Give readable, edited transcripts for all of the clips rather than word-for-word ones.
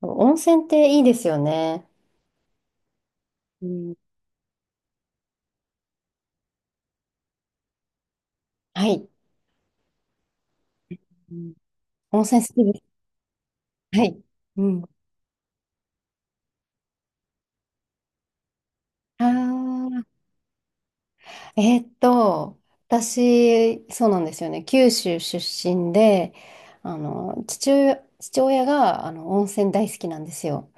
温泉っていいですよね。うん、はい。うん温泉好きです。はい。うん。ああ、私、そうなんですよね。九州出身で、父親が、温泉大好きなんですよ。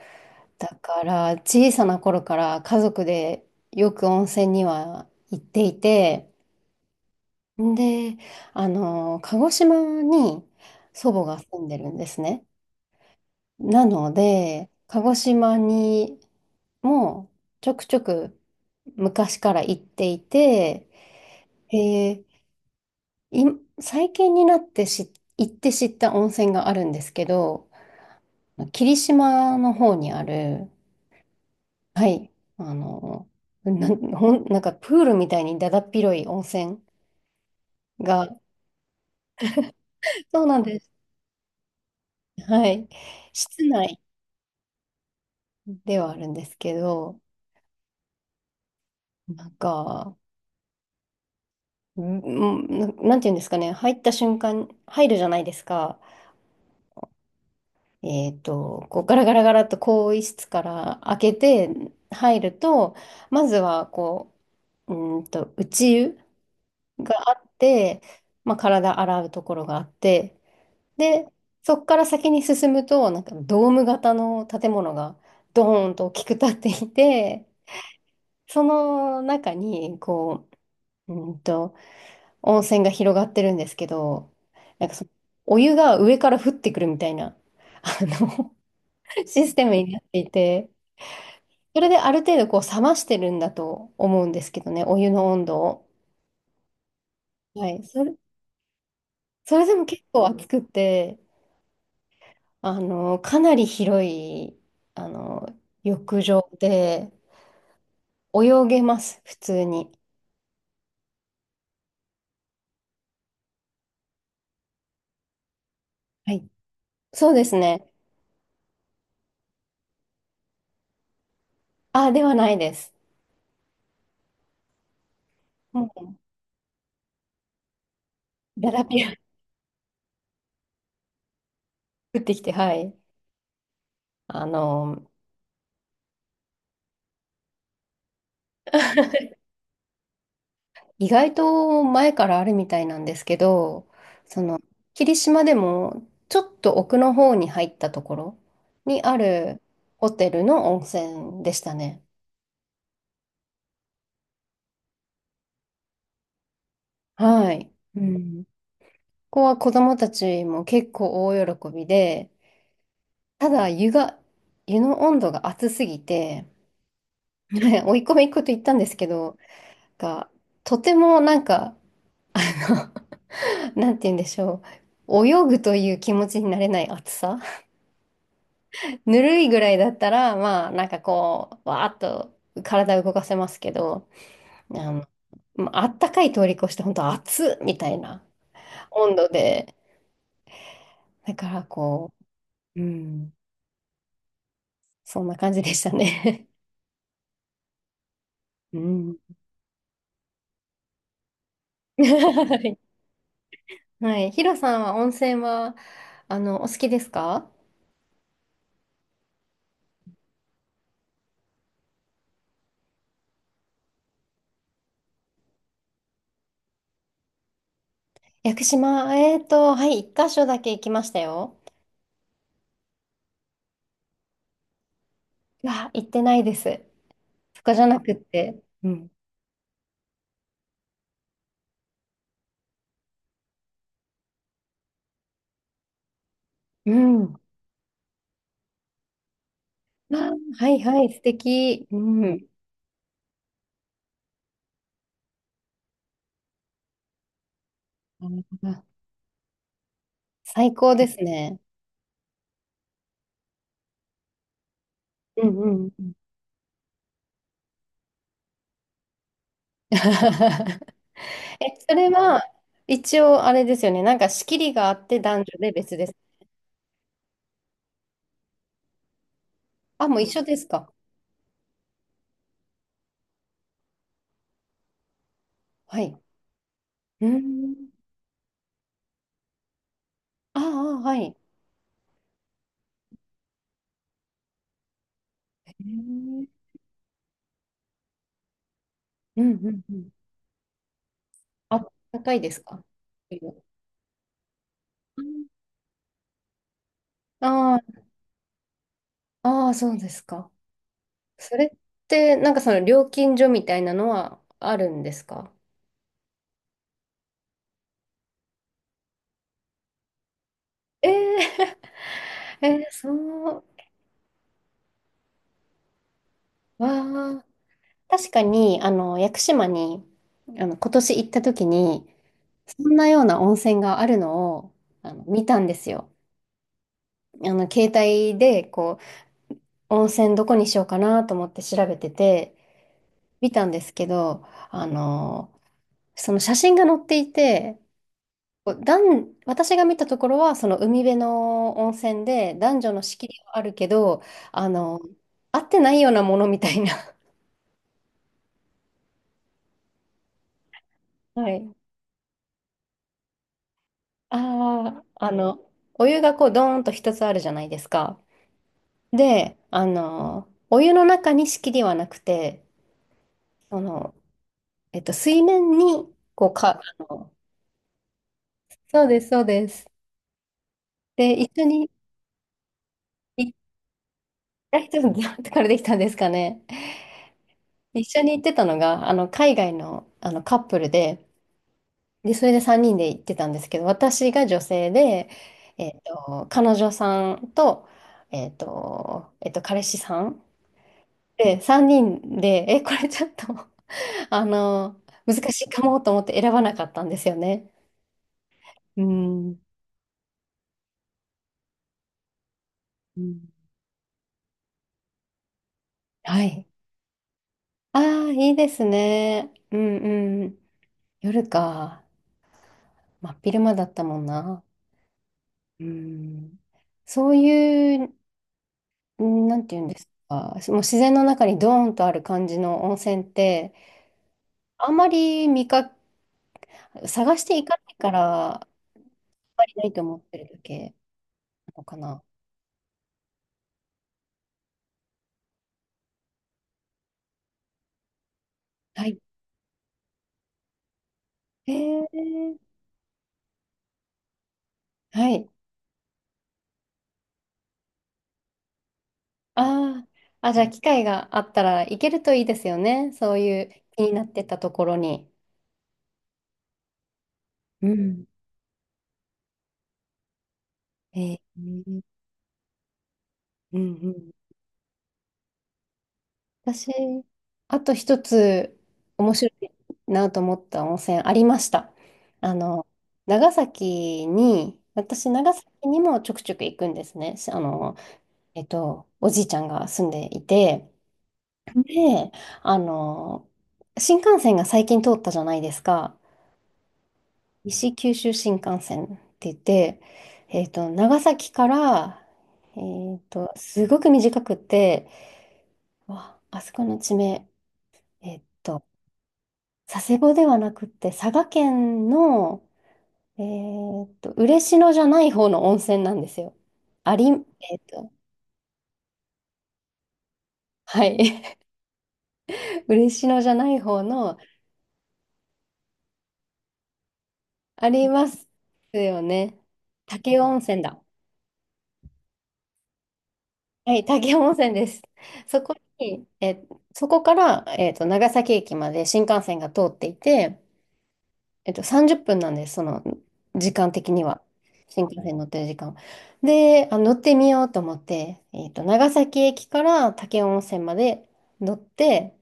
だから、小さな頃から家族でよく温泉には行っていて、で、鹿児島に祖母が住んでるんですね。なので、鹿児島にもちょくちょく昔から行っていて、で、い最近になって行って知った温泉があるんですけど、霧島の方にある、はい、あの、な、なんかプールみたいにだだっ広い温泉が、そうなんです。はい。室内ではあるんですけど、なんか、うんなんていうんですかね、入った瞬間、入るじゃないですか。えっと、こうガラガラガラっと更衣室から開けて入ると、まずはこう、内湯があって、まあ、体洗うところがあって、で、そこから先に進むと、なんかドーム型の建物がドーンと大きく建っていて、その中に、こう、温泉が広がってるんですけど、なんかそのお湯が上から降ってくるみたいな、あの、システムになっていて、それである程度こう冷ましてるんだと思うんですけどね、お湯の温度を。はい。それ、それでも結構暑くて、かなり広い、あの、浴場で泳げます、普通に。はい。そうですね。あ、ではないです。もだらぴら降ってきて、はい。あの、意外と前からあるみたいなんですけど、その、霧島でもちょっと奥の方に入ったところにあるホテルの温泉でしたね。はい。うん。ここは子供たちも結構大喜びで、ただ湯が、湯の温度が熱すぎて、ね追い込み行くと言ったんですけど、が、とてもなんか、あなんて言うんでしょう。泳ぐという気持ちになれない暑さ。ぬるいぐらいだったら、まあ、なんかこう、わーっと体を動かせますけど、あの、まああったかい通り越して、本当暑っみたいな温度で、だからこう、うん、そんな感じでしたね。うん。はい。はい。ヒロさんは温泉は、お好きですか？屋久島、はい、一箇所だけ行きましたよ。いや、行ってないです。そこじゃなくって。うん。うん。あ、はいはい、素敵。うん。あ最高ですね。うんうんうん。え、それは一応あれですよね。なんか仕切りがあって男女で別です。あ、もう一緒ですか？はい。うーん。ああ、はい。へーうんうんうん。あ、高いですか？ああ、ああ、そうですか。それって、なんかその料金所みたいなのはあるんですか？えー、えーそう。わ確かに、屋久島に、今年行った時に、そんなような温泉があるのを、見たんですよ。携帯で、こう、温泉どこにしようかなと思って調べてて、見たんですけど、あの、その写真が載っていて、こう男私が見たところは、その海辺の温泉で、男女の仕切りはあるけど、あの、合ってないようなものみたいな。はい。ああ、お湯がこう、ドーンと一つあるじゃないですか。で、お湯の中に仕切りはなくて、その、水面に、こう、そうです、そうです。で、一緒に行った人、どうやってからできたんですかね。一緒に行ってたのが、海外の、カップルで、で、それで3人で行ってたんですけど、私が女性で、彼女さんと、彼氏さんで、3人で、え、これちょっと 難しいかもと思って選ばなかったんですよね。うん。うんはい。ああ、いいですね。うんうん。夜か。真っ昼間だったもんな。うん。そういう、んなんていうんですか。もう自然の中にドーンとある感じの温泉って、あんまり見か、探していかないから、あんまりないと思ってるだけなのかな。はい。えー、はい。ああ、あ、じゃあ機会があったら行けるといいですよね。そういう気になってたところに。うん。えーうんうん。私、あと一つ面白いなと思った温泉ありました。あの、長崎に、私、長崎にもちょくちょく行くんですね。おじいちゃんが住んでいて、で、あの、新幹線が最近通ったじゃないですか。西九州新幹線って言って、長崎から、すごく短くて、わあそこの地名、えっと、佐世保ではなくて、佐賀県の、え嬉野じゃない方の温泉なんですよ。あり、えっと、はい、嬉野じゃない方の、ありますよね。武雄温泉だ。はい、滝山温泉です。そこに、え、そこから、長崎駅まで新幹線が通っていて、30分なんです、その時間的には。新幹線に乗ってる時間。で、あ、乗ってみようと思って、長崎駅から滝山温泉まで乗って、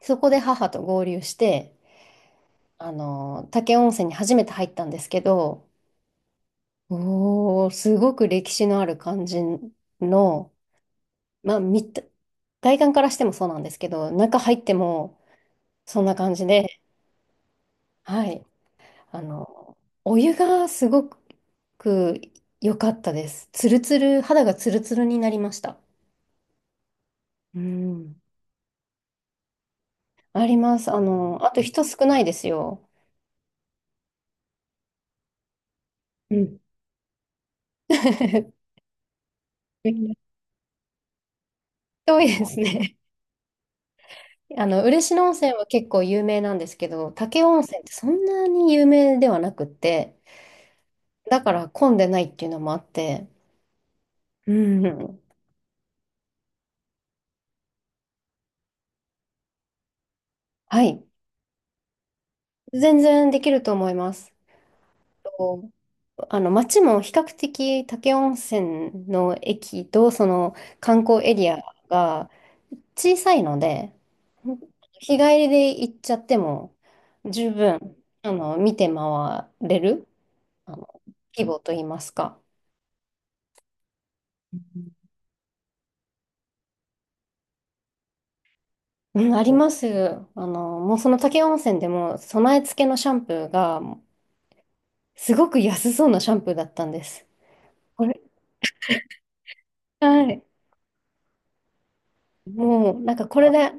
そこで母と合流して、滝山温泉に初めて入ったんですけど、おー、すごく歴史のある感じの、まあ、見た、外観からしてもそうなんですけど、中入ってもそんな感じで、はい。あの、お湯がすごく良かったです。ツルツル、肌がツルツルになりました。うん。あります。あと人少ないですよ。うん。遠いですね。嬉野温泉は結構有名なんですけど、武雄温泉ってそんなに有名ではなくって、だから混んでないっていうのもあって、うん。はい。全然できると思います。と街も比較的武雄温泉の駅とその観光エリアが小さいので、日帰りで行っちゃっても十分、見て回れる、あの、規模といいますか。うん、あります。もうその武雄温泉でも備え付けのシャンプーがすごく安そうなシャンプーだったんです。これ、はい。もうなんかこれで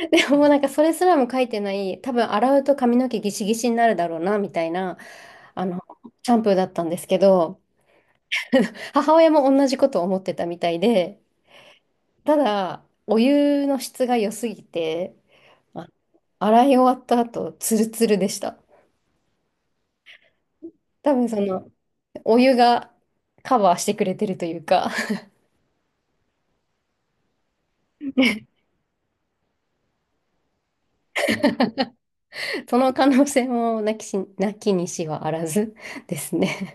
もうなんかそれすらも書いてない、多分洗うと髪の毛ギシギシになるだろうな、みたいな、あの、シャンプーだったんですけど、母親も同じことを思ってたみたいで、ただ、お湯の質が良すぎて、あ洗い終わった後、ツルツルでした。多分その、お湯がカバーしてくれてるというか、その可能性もなきし、なきにしはあらずですね。